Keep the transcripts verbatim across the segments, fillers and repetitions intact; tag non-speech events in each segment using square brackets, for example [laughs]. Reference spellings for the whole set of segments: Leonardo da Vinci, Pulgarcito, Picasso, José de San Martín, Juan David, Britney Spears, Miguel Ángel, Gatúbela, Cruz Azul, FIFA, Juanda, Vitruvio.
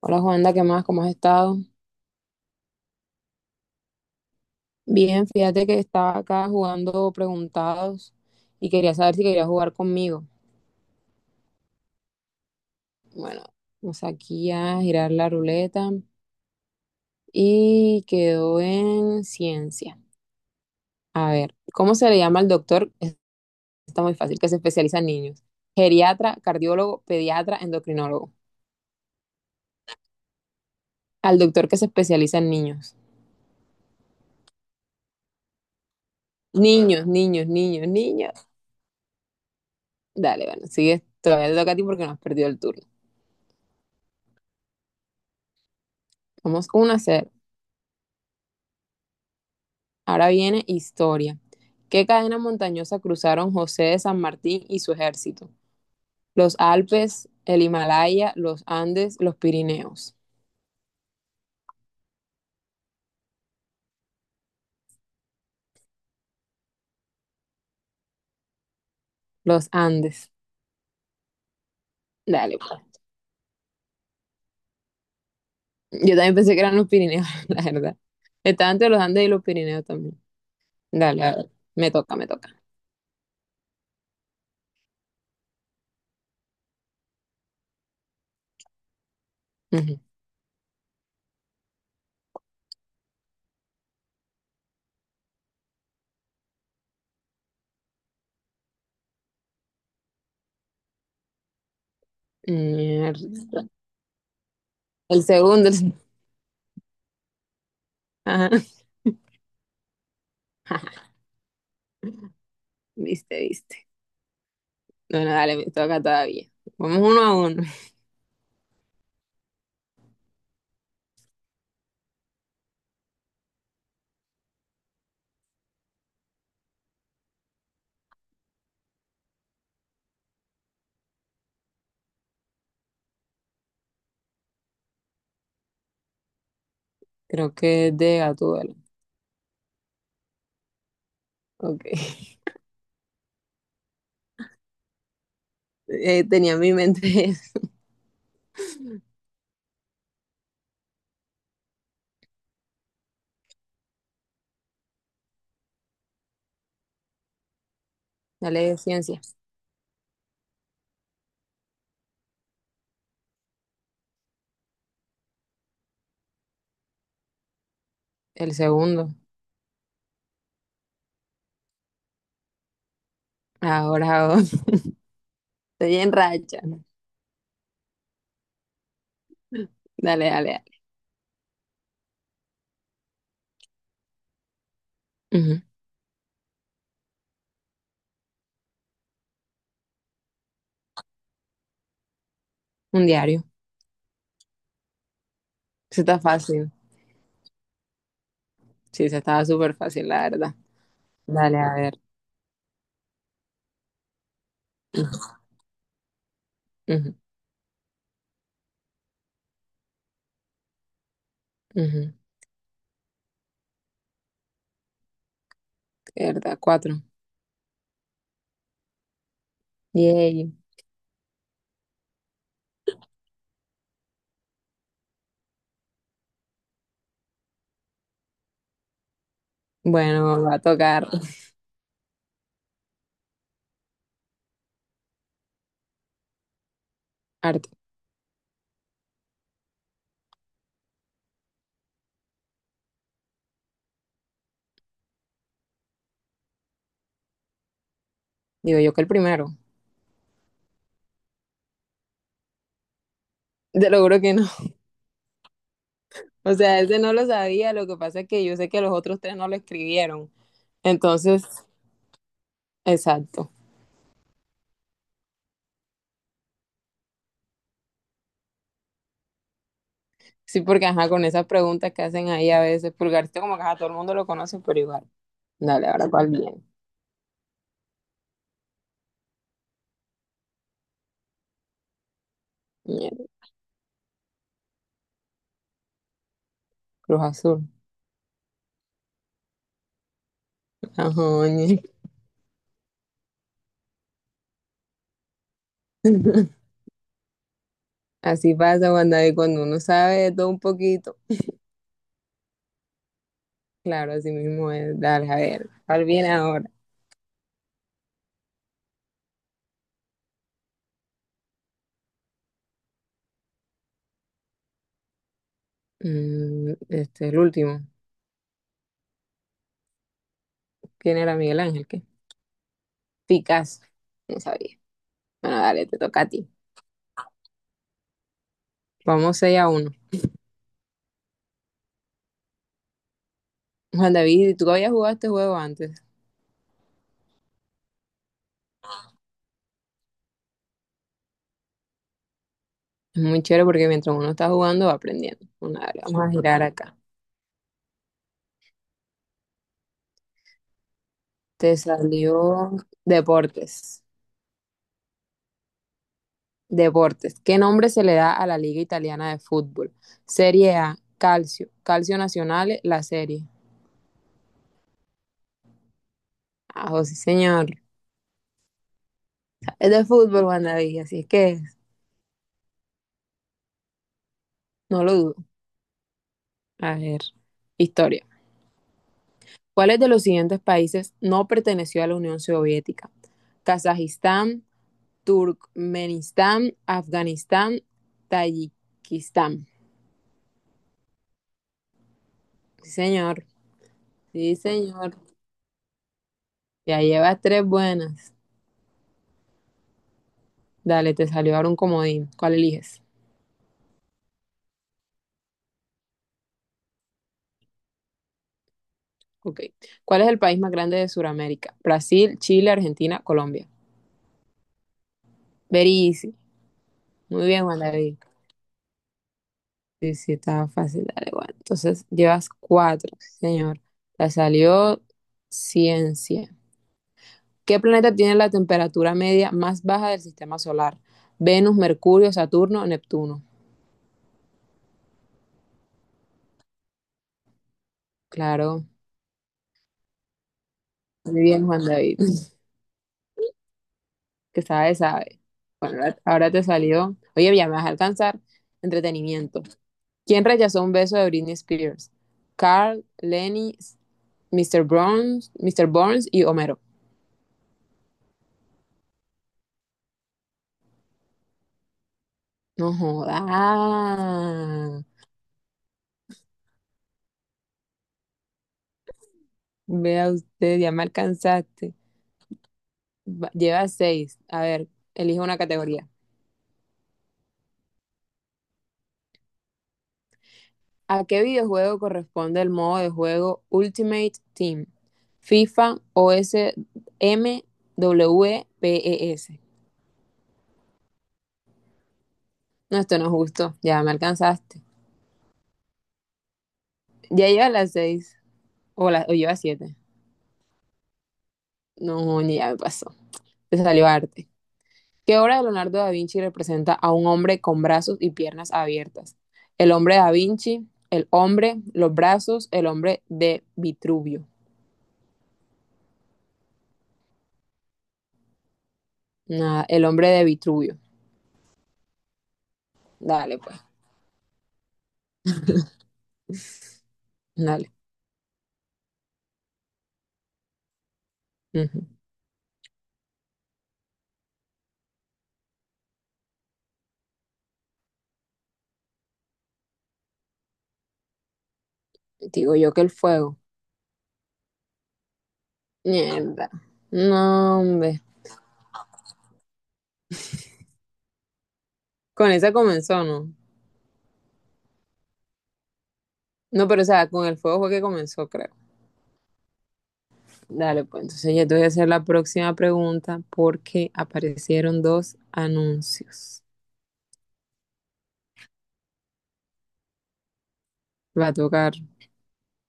Hola Juanda, ¿qué más? ¿Cómo has estado? Bien, fíjate que estaba acá jugando preguntados y quería saber si quería jugar conmigo. Bueno, vamos aquí a girar la ruleta y quedó en ciencia. A ver, ¿cómo se le llama al doctor? Es- Está muy fácil, que se especializa en niños. Geriatra, cardiólogo, pediatra, endocrinólogo. Al doctor que se especializa en niños. Niños, niños, niños, niños. Dale, bueno, sigue, todavía te toca a ti porque no has perdido el turno. Vamos uno a cero. Ahora viene historia. ¿Qué cadena montañosa cruzaron José de San Martín y su ejército? Los Alpes, el Himalaya, los Andes, los Pirineos. Los Andes. Dale, pues. Yo también pensé que eran los Pirineos, [laughs] la verdad. Estaba entre los Andes y los Pirineos también. Dale, a ver. Me toca, me toca. Ujú. Mierda. El segundo. [laughs] el- se- Ajá. [laughs] Viste, viste. Bueno, dale, me toca todavía. Vamos uno a uno. Creo que es de Gatúbela. Ok. [laughs] Eh, tenía en mi mente. Dale de ciencia. El segundo. Ahora vos. [laughs] Estoy en racha. Dale, dale, dale. Ujú. Un diario. Eso está fácil. Sí, se estaba súper fácil, la verdad. Dale, a ver. Ujú, ujú. ¿Verdad? Cuatro. Yay. Bueno, va a tocar arte. Digo yo que el primero. Te lo juro que no. O sea, ese no lo sabía. Lo que pasa es que yo sé que los otros tres no lo escribieron. Entonces, exacto. Sí, porque ajá, con esas preguntas que hacen ahí a veces, pulgarcito como que ajá, todo el mundo lo conoce, pero igual. Dale, ahora cuál bien. Mierda, Cruz Azul. Ajá, ñe. [laughs] Así pasa, Juan David, cuando uno sabe de todo un poquito. Claro, así mismo es. Dale, a ver, ¿cuál viene ahora? Mm, este, es el último. ¿Quién era Miguel Ángel? ¿Qué? Picasso. No sabía. Bueno, dale, te toca a ti. Vamos seis a uno. Juan David, tú habías jugado este juego antes. Es muy chévere porque mientras uno está jugando va aprendiendo. Bueno, dale, vamos a girar acá. Te salió deportes. Deportes. ¿Qué nombre se le da a la Liga Italiana de Fútbol? Serie A, Calcio, Calcio Nacional, la serie. Ah, oh, sí, señor. Es de fútbol, Juan David, así es que no lo dudo. A ver, historia. ¿Cuáles de los siguientes países no perteneció a la Unión Soviética? Kazajistán, Turkmenistán, Afganistán, Tayikistán. Sí, señor. Sí, señor. Ya llevas tres buenas. Dale, te salió ahora un comodín. ¿Cuál eliges? Ok. ¿Cuál es el país más grande de Sudamérica? Brasil, Chile, Argentina, Colombia. Very easy. Muy bien, Juan David. Sí, sí, estaba fácil. Dale, bueno. Entonces, llevas cuatro, sí, señor. Te salió ciencia. ¿Qué planeta tiene la temperatura media más baja del sistema solar? Venus, Mercurio, Saturno, Neptuno. Claro. Muy bien, Juan David. [laughs] Que sabe, sabe. Bueno, ahora ahora te salió. Oye, ya me vas a alcanzar. Entretenimiento. ¿Quién rechazó un beso de Britney Spears? Carl, Lenny, mister Burns, mister Burns y Homero. No joda. Vea usted, ya me alcanzaste. Va- Lleva seis. A ver, elige una categoría. ¿A qué videojuego corresponde el modo de juego Ultimate Team? FIFA, O S M W E P E S. No, esto no es justo. Ya me alcanzaste. Ya lleva las seis. O, la, o lleva siete. No, ni ya me pasó. De Salivarte. ¿Qué obra de Leonardo da Vinci representa a un hombre con brazos y piernas abiertas? El hombre da Vinci, el hombre, los brazos, el hombre de Vitruvio. Nada, el hombre de Vitruvio. Dale, pues, dale. Ujú. Digo yo que el fuego. Mierda. No, hombre. Con esa comenzó, ¿no? No, pero o sea, con el fuego fue que comenzó, creo. Dale, pues entonces ya te voy a hacer la próxima pregunta porque aparecieron dos anuncios. Va a tocar.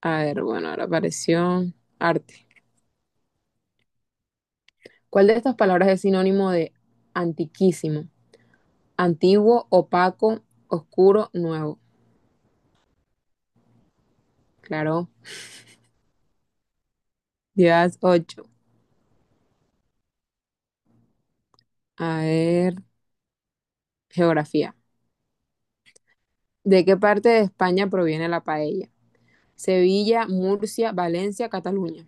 A ver, bueno, ahora apareció arte. ¿Cuál de estas palabras es sinónimo de antiquísimo? Antiguo, opaco, oscuro, nuevo. Claro. Días ocho. A ver, geografía. ¿De qué parte de España proviene la paella? Sevilla, Murcia, Valencia, Cataluña.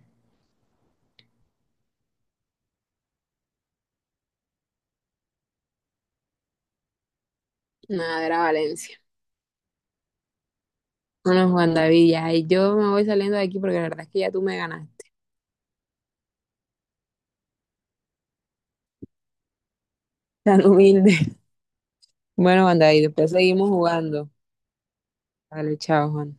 Nada, era Valencia. Bueno, Juan David, ya ahí yo me voy saliendo de aquí porque la verdad es que ya tú me ganaste. [laughs] Tan humilde. Bueno, Juan David, después seguimos jugando. Dale, chao, Juan.